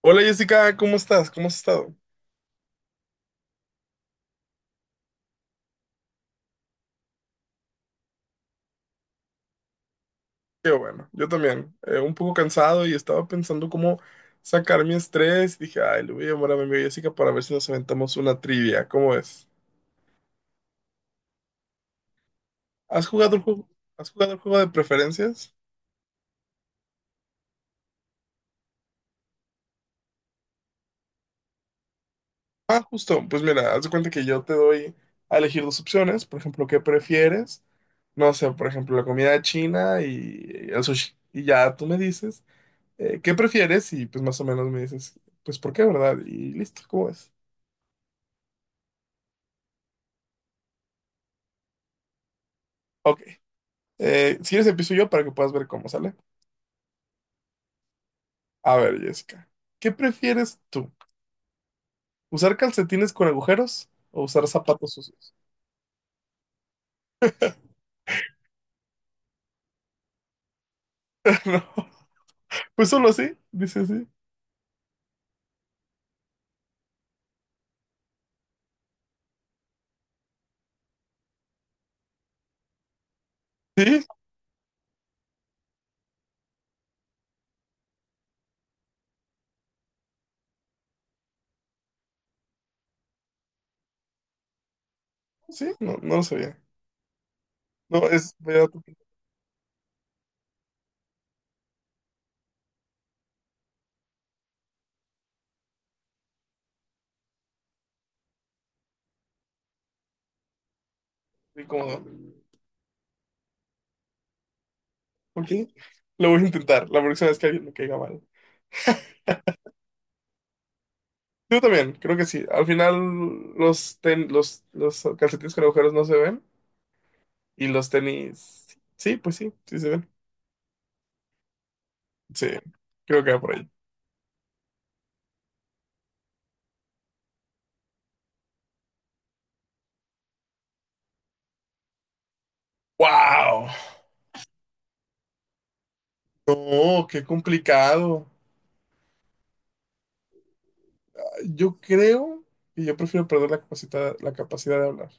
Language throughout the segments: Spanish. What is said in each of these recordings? Hola Jessica, ¿cómo estás? ¿Cómo has estado? Qué bueno, yo también. Un poco cansado y estaba pensando cómo sacar mi estrés. Dije, ay, le voy a llamar a mi amiga Jessica para ver si nos aventamos una trivia. ¿Cómo es? ¿Has jugado el juego? ¿Has jugado el juego de preferencias? Ah, justo. Pues mira, haz de cuenta que yo te doy a elegir dos opciones. Por ejemplo, ¿qué prefieres? No sé, por ejemplo, la comida china y el sushi. Y ya tú me dices, ¿qué prefieres? Y pues más o menos me dices, pues ¿por qué, verdad? Y listo, ¿cómo es? Ok. Si quieres empiezo yo para que puedas ver cómo sale. A ver, Jessica, ¿qué prefieres tú? ¿Usar calcetines con agujeros o usar zapatos sucios? No, pues solo así, dice así. Sí, sí, no, no lo sabía. No, es medio incómodo. Ok, lo voy a intentar la próxima vez que alguien me caiga mal. Yo también, creo que sí. Al final los, los calcetines con agujeros no se ven y los tenis, sí, pues sí, sí se ven. Sí, creo que va por ahí. ¡Wow! No, qué complicado. Yo creo que yo prefiero perder la capacidad de hablar.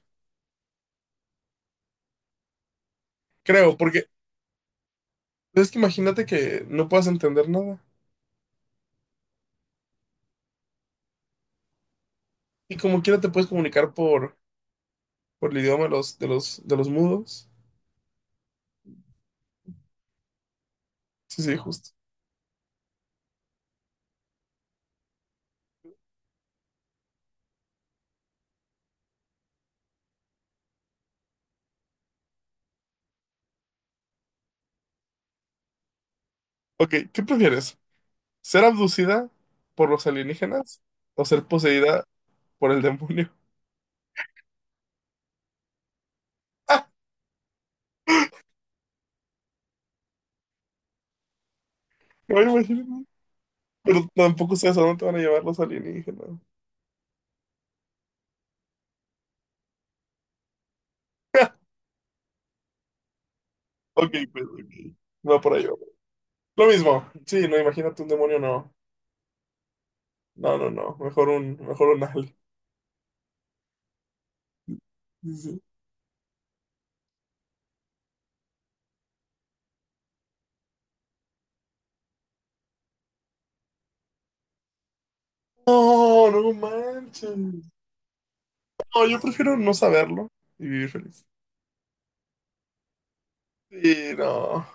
Creo, porque pues, es que imagínate que no puedas entender nada. Y como quiera te puedes comunicar por el idioma de los, de los mudos. Sí, sí, justo. Ok, ¿qué prefieres? ¿Ser abducida por los alienígenas o ser poseída por el demonio? ¡Ah! No me imagino. Pero tampoco sabes a dónde te van a llevar los alienígenas. Ok, pues, ok. Va por ahí. Va. Lo mismo. Sí, no, imagínate un demonio, no. No, no, no. Mejor un Ale. Dice, no, no manches. No, yo prefiero no saberlo y vivir feliz. Sí, no.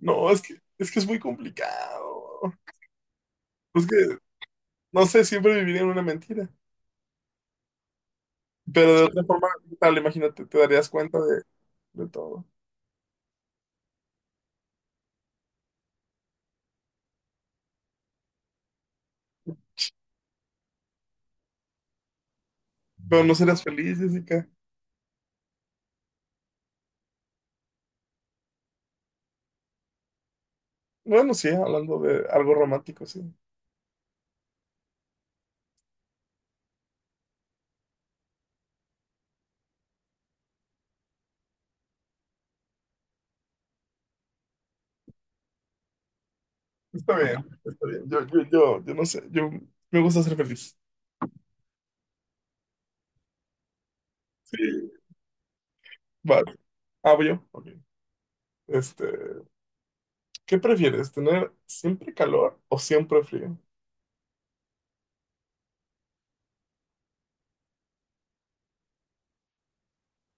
No, es que, es que es muy complicado. Es que, no sé, siempre viviría en una mentira. Pero de otra forma, ¿qué tal, imagínate, te darías cuenta de todo. Pero no serías feliz, Jessica. Bueno, sí, hablando de algo romántico, sí. Está bien, está bien. Yo no sé. Yo me gusta ser feliz. Sí, vale. Ah, voy yo. Ok. Este. ¿Qué prefieres, tener siempre calor o siempre frío?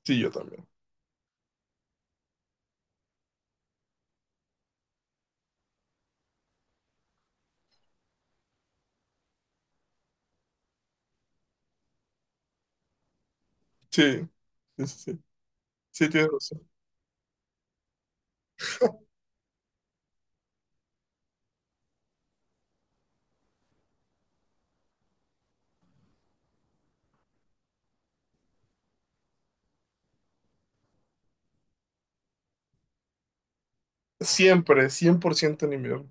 Sí, yo también. Sí, sí, sí. Sí, sí, tienes razón. Siempre, 100% en invierno.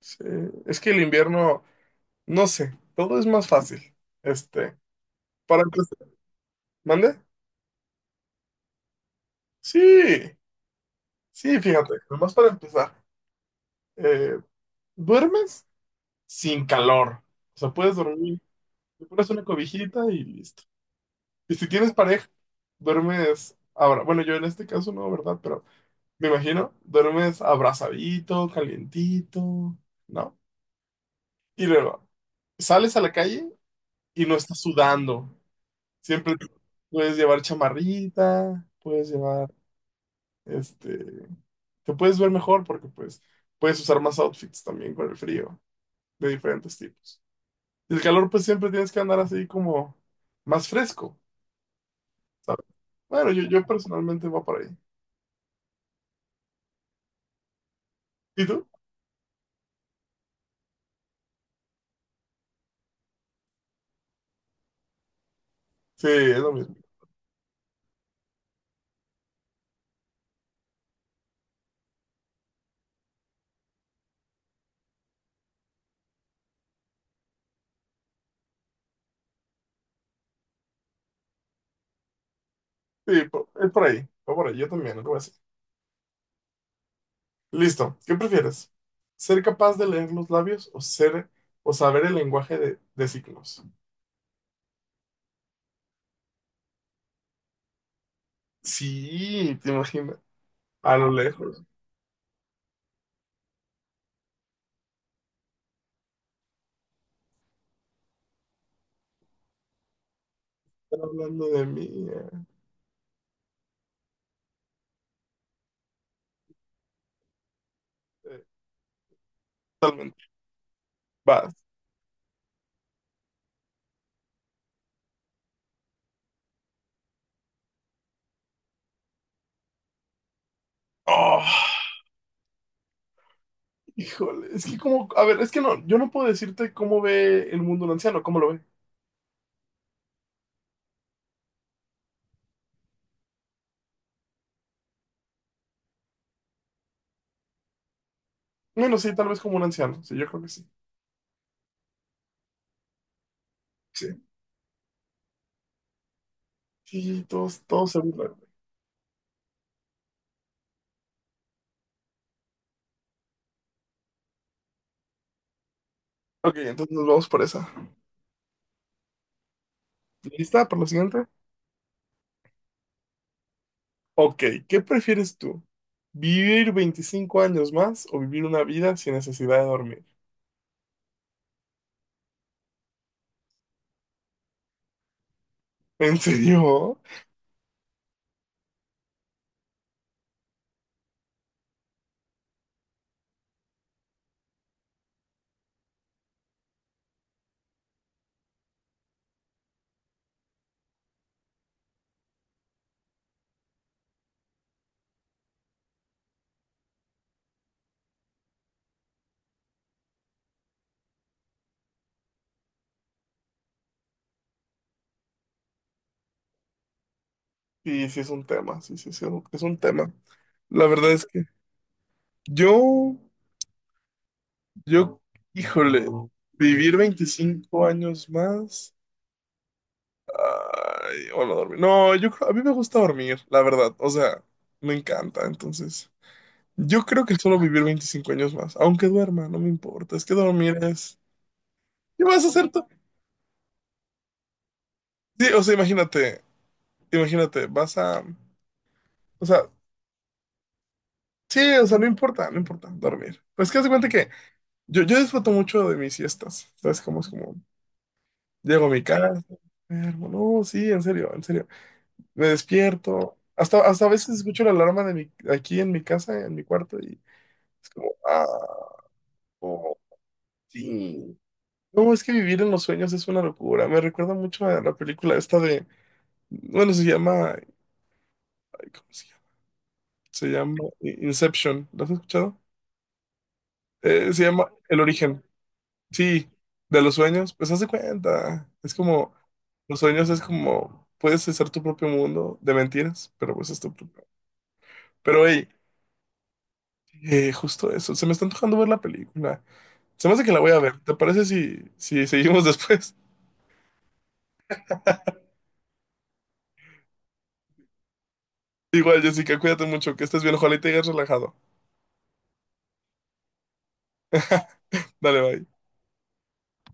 Sí, es que el invierno, no sé, todo es más fácil. Este, para empezar, ¿mande? Sí, sí, fíjate, nomás para empezar, eh, duermes sin calor. O sea, puedes dormir, te pones una cobijita y listo. Y si tienes pareja, duermes ahora. Bueno, yo en este caso no, ¿verdad? Pero me imagino, duermes abrazadito, calientito, ¿no? Y luego, sales a la calle y no estás sudando. Siempre te- puedes llevar chamarrita, puedes llevar, este, te puedes ver mejor porque pues puedes usar más outfits también con el frío, de diferentes tipos. Y el calor pues siempre tienes que andar así como más fresco, ¿sabes? Bueno, yo personalmente voy por ahí. ¿Y tú? Sí, es lo mismo. Es por ahí, va por ahí, yo también, no lo voy a decir. Listo. ¿Qué prefieres? ¿Ser capaz de leer los labios o ser o saber el lenguaje de signos? Sí, te imaginas. A lo lejos. Están hablando de mí. eh, Totalmente. Vas. Oh, híjole. Es que como, a ver, es que no, yo no puedo decirte cómo ve el mundo un anciano, cómo lo ve. Bueno, sí, tal vez como un anciano. Sí, yo creo que sí. Sí. Sí, todos se burlan. Ok, entonces nos vamos por esa. ¿Lista para la siguiente? Ok, ¿qué prefieres tú? ¿Vivir 25 años más o vivir una vida sin necesidad de dormir? ¿En serio? Sí, sí es un tema, sí, sí, sí, es un tema. La verdad es que yo, yo, híjole, vivir 25 años más, ay, o no dormir. No, yo creo, a mí me gusta dormir, la verdad, o sea, me encanta, entonces. Yo creo que solo vivir 25 años más, aunque duerma, no me importa, es que dormir es... ¿Qué vas a hacer tú? Sí, o sea, imagínate. Imagínate, o sea, sí, o sea, no importa, no importa dormir. Pues que haz de cuenta que yo disfruto mucho de mis siestas, ¿sabes? Cómo es como, llego a mi casa, me duermo, no, sí, en serio, me despierto, hasta a veces escucho la alarma de mi, aquí en mi casa, en mi cuarto, y es como, ah, oh, sí. No, es que vivir en los sueños es una locura, me recuerda mucho a la película esta de, bueno, se llama, ay, ¿cómo se llama? Se llama Inception, ¿lo has escuchado? Se llama El Origen. Sí, de los sueños, pues haz de cuenta. Es como, los sueños es como, puedes hacer tu propio mundo de mentiras, pero pues es tu propio. Pero hey, justo eso, se me está antojando ver la película. Se me hace que la voy a ver. ¿Te parece si seguimos después? Igual, Jessica, cuídate mucho, que estés bien, ojalá y te hayas relajado. Dale, bye.